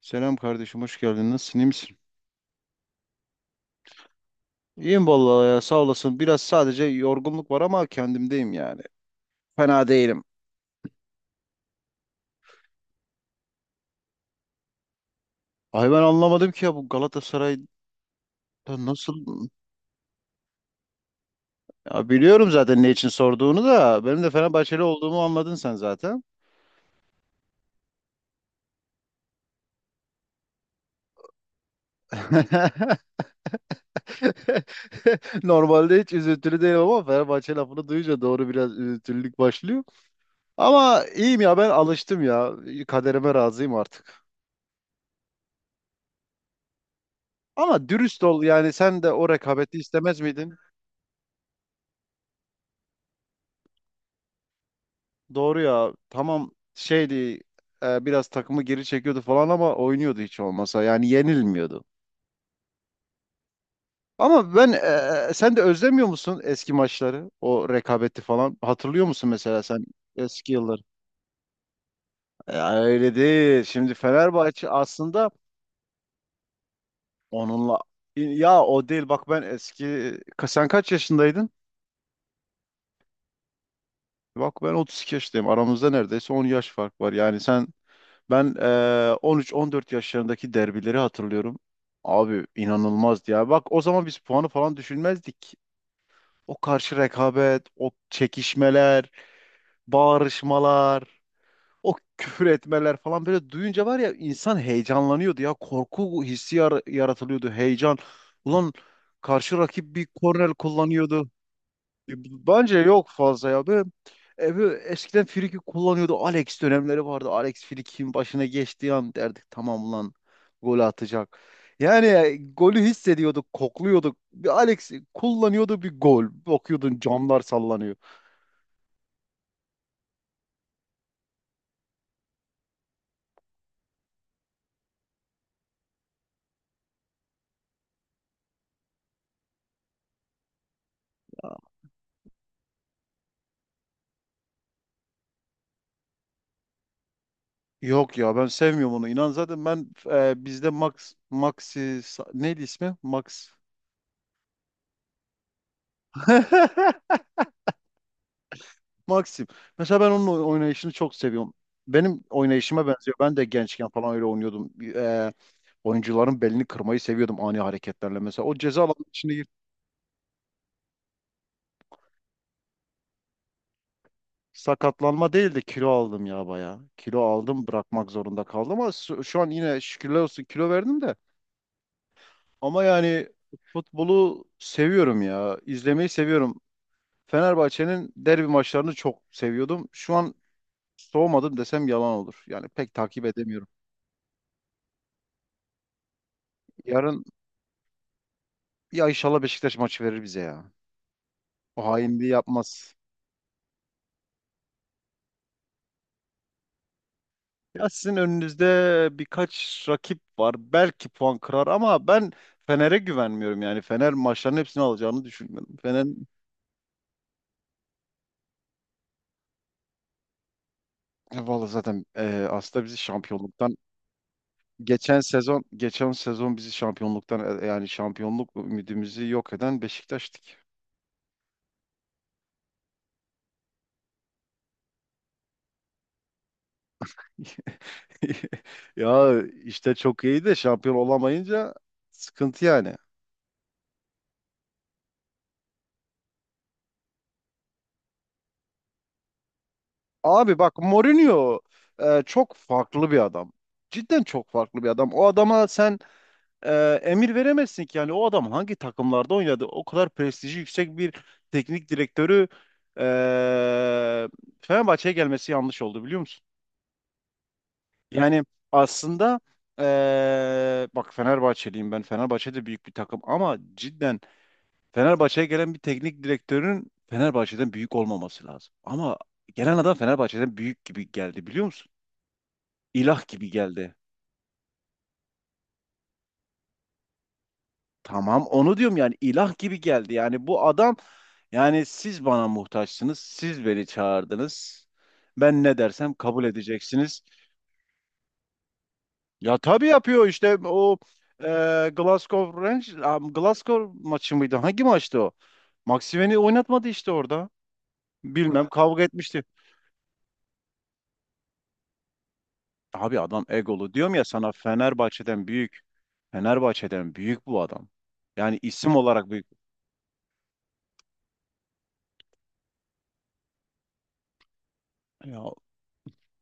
Selam kardeşim, hoş geldin. Nasılsın, iyi misin? İyiyim vallahi ya, sağ olasın. Biraz sadece yorgunluk var ama kendimdeyim yani. Fena değilim. Ay ben anlamadım ki ya bu Galatasaray'da nasıl... Ya biliyorum zaten ne için sorduğunu da. Benim de Fenerbahçeli olduğumu anladın sen zaten. Normalde hiç üzüntülü değilim ama Fenerbahçe lafını duyunca doğru biraz üzüntülülük başlıyor. Ama iyiyim ya ben alıştım ya. Kaderime razıyım artık. Ama dürüst ol yani sen de o rekabeti istemez miydin? Doğru ya. Tamam şeydi, biraz takımı geri çekiyordu falan ama oynuyordu hiç olmasa. Yani yenilmiyordu. Ama ben sen de özlemiyor musun eski maçları? O rekabeti falan. Hatırlıyor musun mesela sen eski yılları? Ya öyle değil. Şimdi Fenerbahçe aslında onunla, ya o değil. Bak ben eski, sen kaç yaşındaydın? Bak ben 32 yaşındayım. Aramızda neredeyse 10 yaş fark var. Yani sen, ben 13-14 yaşlarındaki derbileri hatırlıyorum. Abi inanılmazdı ya. Bak o zaman biz puanı falan düşünmezdik. O karşı rekabet, o çekişmeler, bağırışmalar, o küfür etmeler falan böyle duyunca var ya, insan heyecanlanıyordu ya. Korku hissi yaratılıyordu, heyecan. Ulan karşı rakip bir korner kullanıyordu. Bence yok fazla ya. Böyle, eskiden Friki kullanıyordu. Alex dönemleri vardı. Alex Friki'nin başına geçtiği an derdik, tamam lan, gol atacak. Yani golü hissediyorduk, kokluyorduk. Bir Alex kullanıyordu, bir gol. Bakıyordun camlar sallanıyor. Yok ya, ben sevmiyorum onu. İnan zaten ben bizde Max, Maxi, neydi ismi? Max. Maxim. Mesela ben onun oynayışını çok seviyorum. Benim oynayışıma benziyor. Ben de gençken falan öyle oynuyordum. Oyuncuların belini kırmayı seviyordum ani hareketlerle. Mesela o ceza alanı içinde, sakatlanma değil de kilo aldım ya baya. Kilo aldım, bırakmak zorunda kaldım, ama şu an yine şükürler olsun kilo verdim de. Ama yani futbolu seviyorum ya. İzlemeyi seviyorum. Fenerbahçe'nin derbi maçlarını çok seviyordum. Şu an soğumadım desem yalan olur. Yani pek takip edemiyorum. Yarın, ya inşallah Beşiktaş maçı verir bize ya. O hainliği yapmaz. Ya sizin önünüzde birkaç rakip var. Belki puan kırar ama ben Fener'e güvenmiyorum yani. Fener maçların hepsini alacağını düşünmüyorum. Fener. Vallahi zaten aslında bizi şampiyonluktan, geçen sezon bizi şampiyonluktan yani şampiyonluk ümidimizi yok eden Beşiktaş'tık. Ya işte çok iyi de şampiyon olamayınca sıkıntı yani. Abi bak, Mourinho çok farklı bir adam. Cidden çok farklı bir adam. O adama sen emir veremezsin ki. Yani o adam hangi takımlarda oynadı? O kadar prestiji yüksek bir teknik direktörü e, Fenerbahçe'ye gelmesi yanlış oldu, biliyor musun? Yani aslında e, bak, Fenerbahçeliyim ben. Fenerbahçe de büyük bir takım ama cidden Fenerbahçe'ye gelen bir teknik direktörün Fenerbahçe'den büyük olmaması lazım. Ama gelen adam Fenerbahçe'den büyük gibi geldi, biliyor musun? İlah gibi geldi. Tamam onu diyorum yani, ilah gibi geldi. Yani bu adam, yani siz bana muhtaçsınız. Siz beni çağırdınız. Ben ne dersem kabul edeceksiniz. Ya tabii yapıyor işte o, e, Glasgow Rangers, Glasgow maçı mıydı? Hangi maçtı o? Maximen'i oynatmadı işte orada. Bilmem, kavga etmişti. Abi adam egolu. Diyorum ya sana, Fenerbahçe'den büyük. Fenerbahçe'den büyük bu adam. Yani isim olarak büyük. Ya,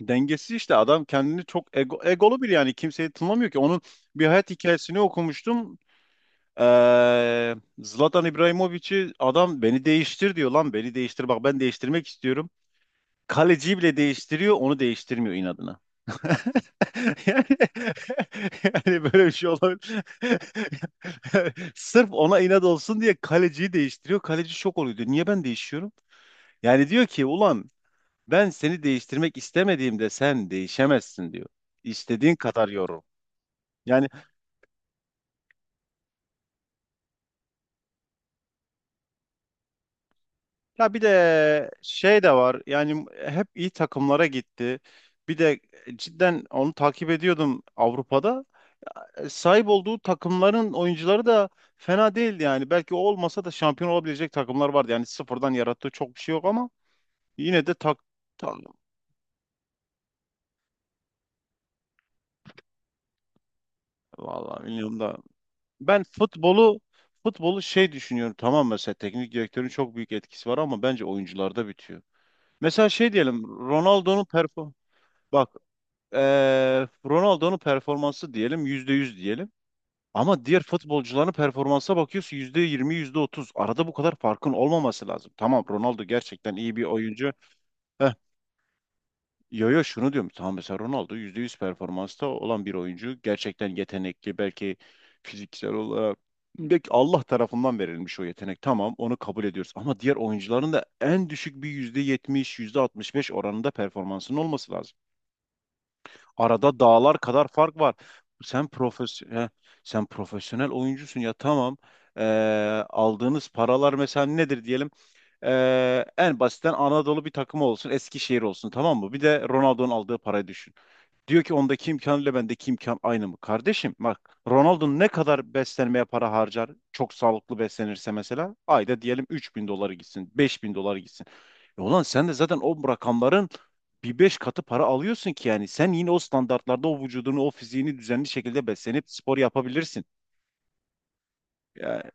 dengesiz işte adam, kendini çok egolu bir, yani kimseyi tınlamıyor ki. Onun bir hayat hikayesini okumuştum. Zlatan İbrahimovic'i, adam beni değiştir diyor, lan beni değiştir bak, ben değiştirmek istiyorum. Kaleciyi bile değiştiriyor, onu değiştirmiyor inadına. Yani, yani, böyle bir şey olabilir. Sırf ona inat olsun diye kaleciyi değiştiriyor. Kaleci şok oluyor, diyor niye ben değişiyorum? Yani diyor ki, ulan ben seni değiştirmek istemediğimde sen değişemezsin diyor. İstediğin kadar yorum. Yani ya, bir de şey de var. Yani hep iyi takımlara gitti. Bir de cidden onu takip ediyordum Avrupa'da. Sahip olduğu takımların oyuncuları da fena değildi yani. Belki o olmasa da şampiyon olabilecek takımlar vardı. Yani sıfırdan yarattığı çok bir şey yok ama yine de, tak, tak vallahi bilmiyorum da. Ben futbolu şey düşünüyorum, tamam mesela teknik direktörün çok büyük etkisi var ama bence oyuncularda bitiyor. Mesela şey diyelim, Ronaldo'nun bak, Ronaldo'nun performansı diyelim %100 diyelim. Ama diğer futbolcuların performansa bakıyorsun %20, yüzde otuz. Arada bu kadar farkın olmaması lazım. Tamam, Ronaldo gerçekten iyi bir oyuncu. Heh, yo yo, şunu diyorum. Tamam mesela Ronaldo %100 performansta olan bir oyuncu. Gerçekten yetenekli, belki fiziksel olarak. Belki Allah tarafından verilmiş o yetenek. Tamam onu kabul ediyoruz. Ama diğer oyuncuların da en düşük bir yüzde yetmiş, yüzde altmış beş oranında performansının olması lazım. Arada dağlar kadar fark var. Sen profesyonel, sen profesyonel oyuncusun ya, tamam. Ee, Aldığınız paralar mesela nedir diyelim? En basitten Anadolu bir takımı olsun, Eskişehir olsun, tamam mı? Bir de Ronaldo'nun aldığı parayı düşün. Diyor ki, ondaki imkanıyla bendeki imkan aynı mı? Kardeşim bak, Ronaldo ne kadar beslenmeye para harcar? Çok sağlıklı beslenirse mesela ayda diyelim 3.000 doları gitsin, 5.000 doları gitsin. E ulan sen de zaten o rakamların bir beş katı para alıyorsun ki, yani sen yine o standartlarda o vücudunu, o fiziğini düzenli şekilde beslenip spor yapabilirsin. Yani,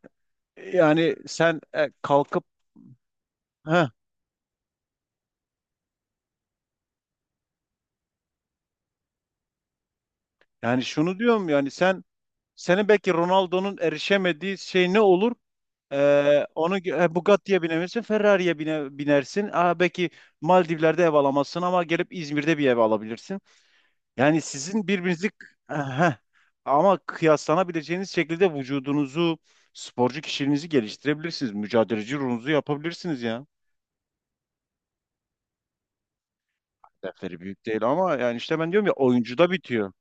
yani, sen kalkıp, heh, yani şunu diyorum, yani senin belki Ronaldo'nun erişemediği şey ne olur? Onu, Bugatti'ye binebilirsin, Ferrari'ye binersin. Belki Maldivler'de ev alamazsın ama gelip İzmir'de bir ev alabilirsin. Yani sizin birbirinizi. Heh. Ama kıyaslanabileceğiniz şekilde vücudunuzu, sporcu kişiliğinizi geliştirebilirsiniz. Mücadeleci ruhunuzu yapabilirsiniz ya. Hedefleri büyük değil, ama yani işte ben diyorum ya, oyuncuda bitiyor.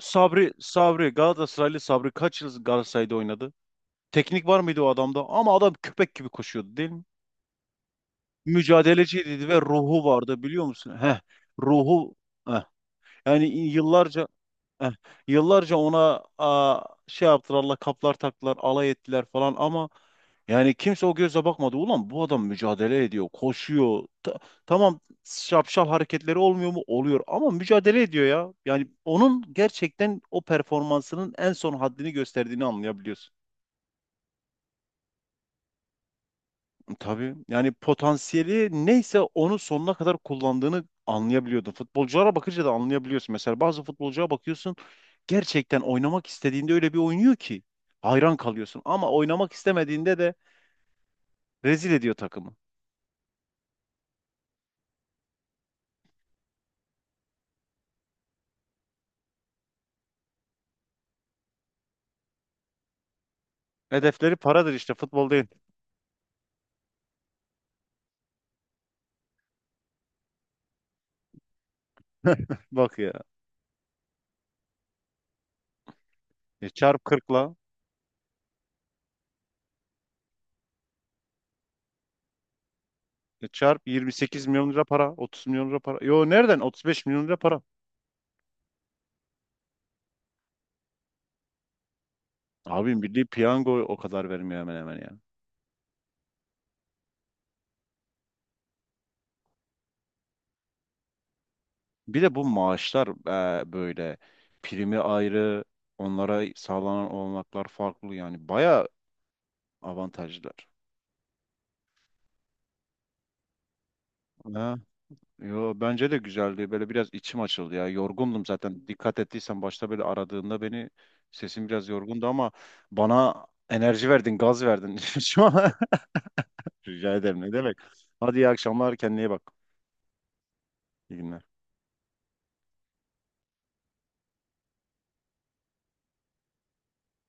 Sabri, Galatasaraylı Sabri kaç yıl Galatasaray'da oynadı? Teknik var mıydı o adamda? Ama adam köpek gibi koşuyordu, değil mi? Mücadeleciydi ve ruhu vardı, biliyor musun? Heh, ruhu, heh. Yani yıllarca, heh, yıllarca ona şey yaptılar, Allah kaplar taktılar, alay ettiler falan ama yani kimse o gözle bakmadı. Ulan bu adam mücadele ediyor, koşuyor. Tamam, şapşal hareketleri olmuyor mu? Oluyor, ama mücadele ediyor ya. Yani onun gerçekten o performansının en son haddini gösterdiğini anlayabiliyorsun. Tabii yani potansiyeli neyse onu sonuna kadar kullandığını anlayabiliyordun. Futbolculara bakınca da anlayabiliyorsun. Mesela bazı futbolcuya bakıyorsun, gerçekten oynamak istediğinde öyle bir oynuyor ki hayran kalıyorsun. Ama oynamak istemediğinde de rezil ediyor takımı. Hedefleri paradır işte, futbol değil. Bak ya, çarp 40'la, çarp 28 milyon lira para, 30 milyon lira para. Yo, nereden, 35 milyon lira para. Abim, Milli Piyango o kadar vermiyor hemen hemen ya. Bir de bu maaşlar böyle, primi ayrı, onlara sağlanan olanaklar farklı, yani bayağı avantajlar. Ha, yo bence de güzeldi. Böyle biraz içim açıldı ya. Yorgundum zaten. Dikkat ettiysen başta böyle aradığında beni, sesim biraz yorgundu ama bana enerji verdin, gaz verdin. Şu an- Rica ederim. Ne demek? Hadi iyi akşamlar. Kendine iyi bak. İyi günler.